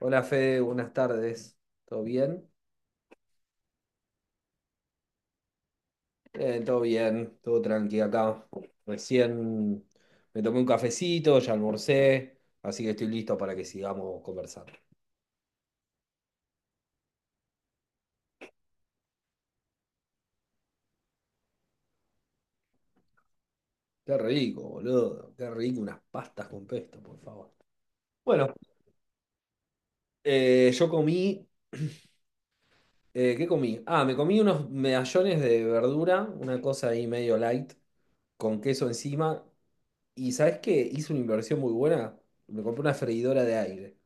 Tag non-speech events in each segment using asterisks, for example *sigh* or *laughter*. Hola Fede, buenas tardes. ¿Todo bien? Todo bien, todo tranqui acá. Recién me tomé un cafecito, ya almorcé, así que estoy listo para que sigamos conversando. Qué rico, boludo. Qué rico unas pastas con pesto, por favor. Bueno, yo comí, ¿qué comí? Ah, me comí unos medallones de verdura, una cosa ahí medio light, con queso encima. ¿Y sabes qué? Hice una inversión muy buena. Me compré una freidora de aire.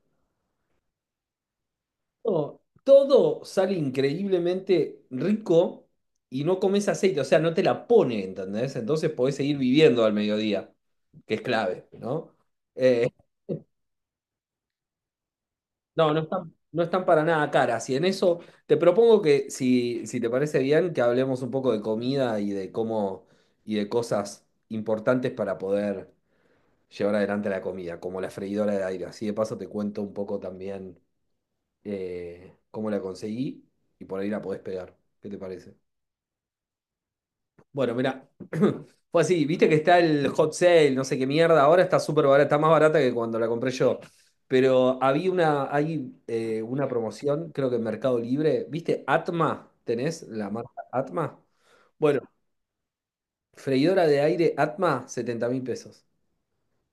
Todo, todo sale increíblemente rico y no comes aceite, o sea, no te la pone, ¿entendés? Entonces podés seguir viviendo al mediodía, que es clave, ¿no? Eh, no, no están para nada caras. Y en eso te propongo que, si te parece bien, que hablemos un poco de comida y de cómo y de cosas importantes para poder llevar adelante la comida, como la freidora de aire. Así de paso te cuento un poco también cómo la conseguí y por ahí la podés pegar. ¿Qué te parece? Bueno, mira, *clears throat* fue así, viste que está el hot sale, no sé qué mierda, ahora está súper barata, está más barata que cuando la compré yo. Pero hay una promoción, creo que en Mercado Libre, ¿viste? Atma, ¿tenés la marca Atma? Bueno, freidora de aire Atma, 70.000 pesos.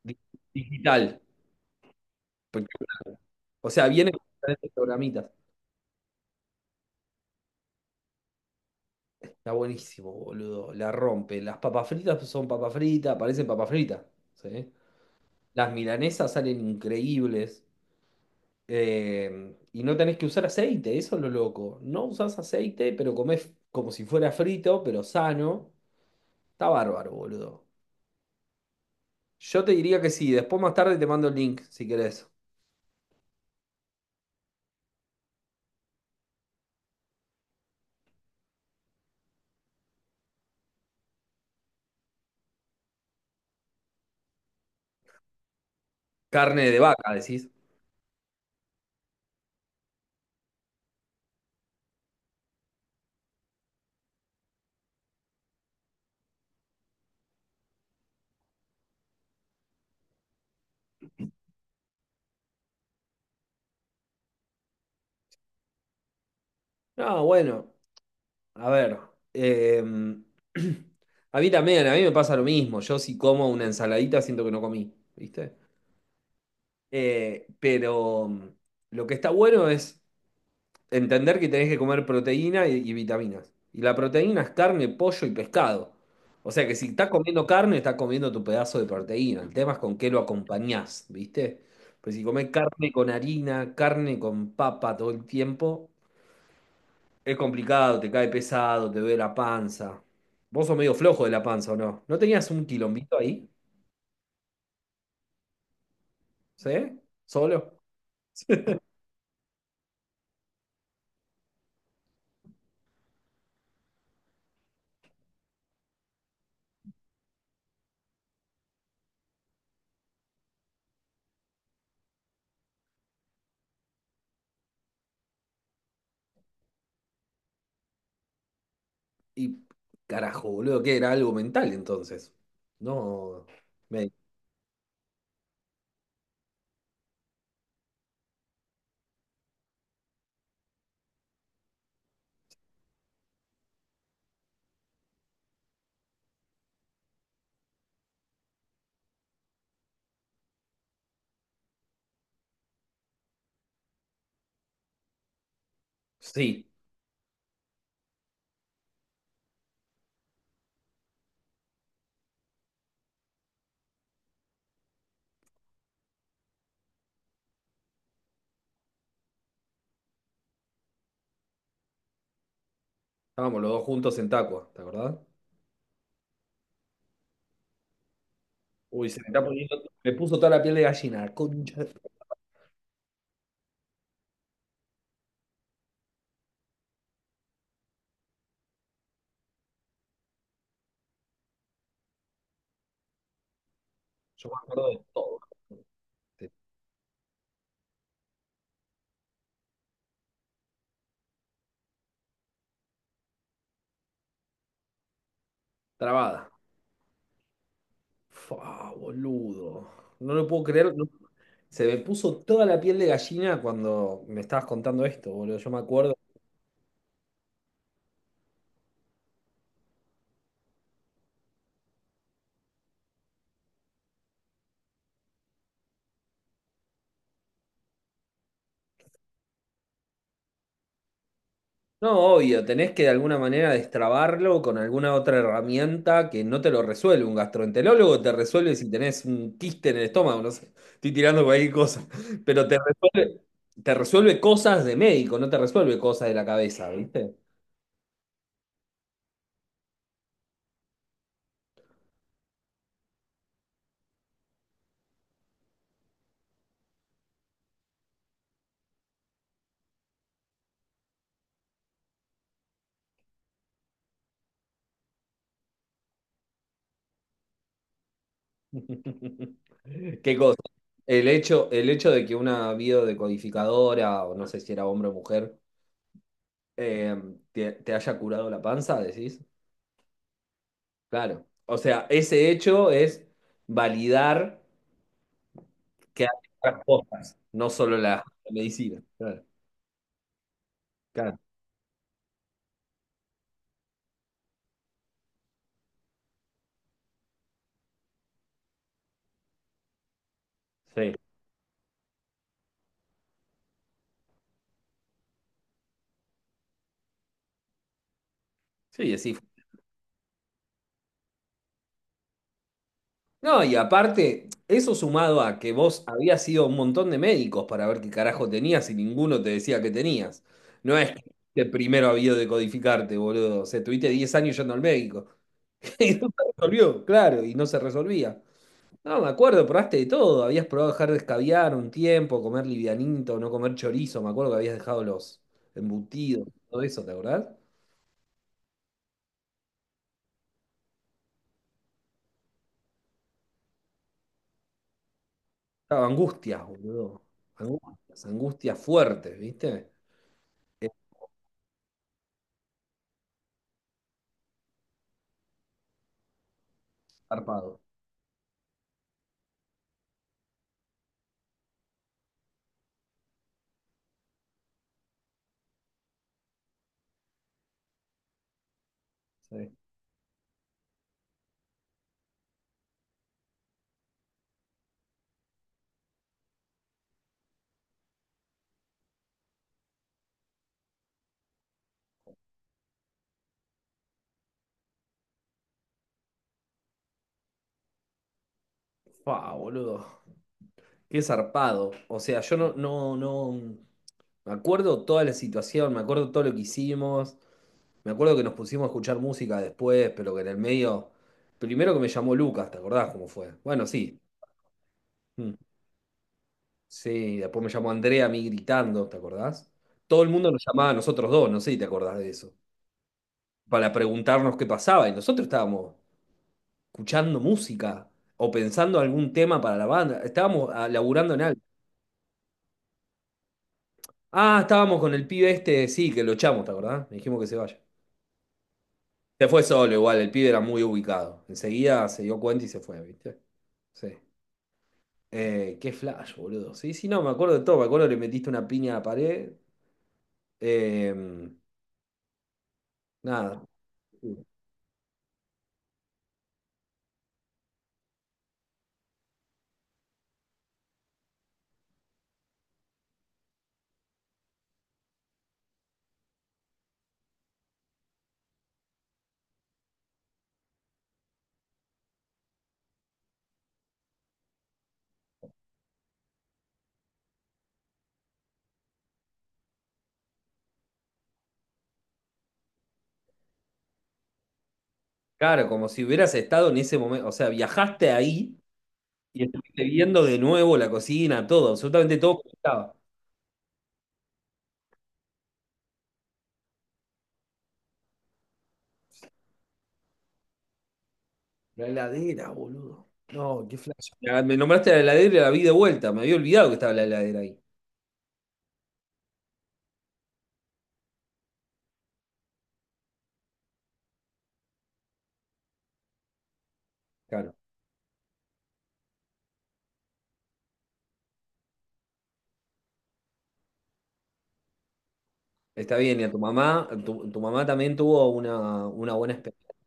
Di- Digital. Porque- O sea, viene con diferentes programitas. Está buenísimo, boludo. La rompe. Las papas fritas son papas fritas, parecen papas fritas. ¿Sí? Las milanesas salen increíbles. Y no tenés que usar aceite, eso es lo loco. No usás aceite, pero comés como si fuera frito, pero sano. Está bárbaro, boludo. Yo te diría que sí, después más tarde te mando el link, si querés. Carne de vaca, decís. No, bueno, a ver. em, *clears throat* a mí también, a mí me pasa lo mismo. Yo si como una ensaladita siento que no comí, ¿viste? Eh, pero mm, lo que está bueno es entender que tenés que comer proteína y vitaminas. Y la proteína es carne, pollo y pescado. O sea que si estás comiendo carne, estás comiendo tu pedazo de proteína. El tema es con qué lo acompañás, ¿viste? Pues si comés carne con harina, carne con papa todo el tiempo, es complicado, te cae pesado, te duele la panza. Vos sos medio flojo de la panza, ¿o no? ¿No tenías un quilombito ahí? ¿Sí? ¿Solo? Y carajo, boludo, que era algo mental entonces. No, me... Sí. Estábamos los dos juntos en Tacua, ¿te acordás? Uy, se me está poniendo, me puso toda la piel de gallina, concha. Yo me acuerdo de todo. Trabada. Fua, boludo. No lo puedo creer. Se me puso toda la piel de gallina cuando me estabas contando esto, boludo. Yo me acuerdo. No, obvio, tenés que de alguna manera destrabarlo con alguna otra herramienta que no te lo resuelve. Un gastroenterólogo te resuelve si tenés un quiste en el estómago, no sé, estoy tirando cualquier cosa, pero te resuelve cosas de médico, no te resuelve cosas de la cabeza, ¿viste? *laughs* ¿Qué cosa? El hecho de que una biodecodificadora, o no sé si era hombre o mujer, eh, te haya curado la panza, decís, claro. O sea, ese hecho es validar. Que hay otras cosas, no solo la medicina. Claro, claro, sí. Sí, así fue. No, y aparte, eso sumado a que vos habías ido a un montón de médicos para ver qué carajo tenías y ninguno te decía que tenías. No es que primero había de codificarte, boludo. O sea, estuviste 10 años yendo al médico. *laughs* Y no se resolvió, claro, y no se resolvía. No, me acuerdo, probaste de todo. Habías probado dejar de escabiar un tiempo, comer livianito, no comer chorizo. Me acuerdo que habías dejado los embutidos, todo eso, ¿te acordás? Claro, angustias, boludo. Angustias, angustias fuertes, ¿viste? Es zarpado. Sí. Fa, boludo. Qué zarpado. O sea, yo no, no, no. Me acuerdo toda la situación, me acuerdo todo lo que hicimos. Me acuerdo que nos pusimos a escuchar música después, pero que en el medio. Primero que me llamó Lucas, ¿te acordás cómo fue? Bueno, sí. Mm. Sí, después me llamó Andrea a mí gritando, ¿te acordás? Todo el mundo nos llamaba a nosotros dos, no sé si te acordás de eso. Para preguntarnos qué pasaba. Y nosotros estábamos escuchando música o pensando algún tema para la banda. Estábamos laburando en algo. Ah, estábamos con el pibe este, sí, que lo echamos, ¿te acordás? Le dijimos que se vaya. Se fue solo igual, el pibe era muy ubicado. Enseguida se dio cuenta y se fue, ¿viste? Sí. Qué flash, boludo. Sí, sí, no, me acuerdo de todo. Me acuerdo que le metiste una piña a la pared. Eh, nada. Claro, como si hubieras estado en ese momento. O sea, viajaste ahí y estuviste viendo de nuevo la cocina, todo, absolutamente todo como estaba. La heladera, boludo. No, qué flash. Ya, me nombraste la heladera y la vi de vuelta. Me había olvidado que estaba la heladera ahí. Claro. Está bien, y a tu mamá, tu mamá también tuvo una buena experiencia.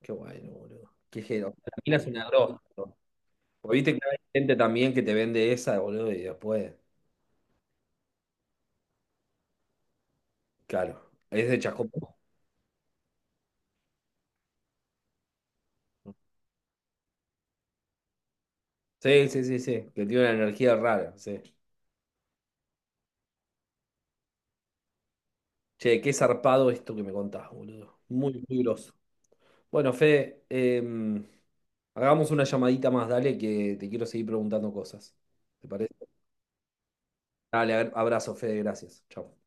Qué bueno, boludo. Qué gero. La mina es una grosa, boludo. Porque viste que hay gente también que te vende esa, boludo, y después. Claro. Es de Chascomú. Sí, sí, sí, sí. Que tiene una energía rara. Sí. Che, qué zarpado esto que me contás, boludo. Muy, muy groso. Bueno, Fede, hagamos una llamadita más, dale, que te quiero seguir preguntando cosas. ¿Te parece? Dale, abrazo, Fede, gracias. Chao.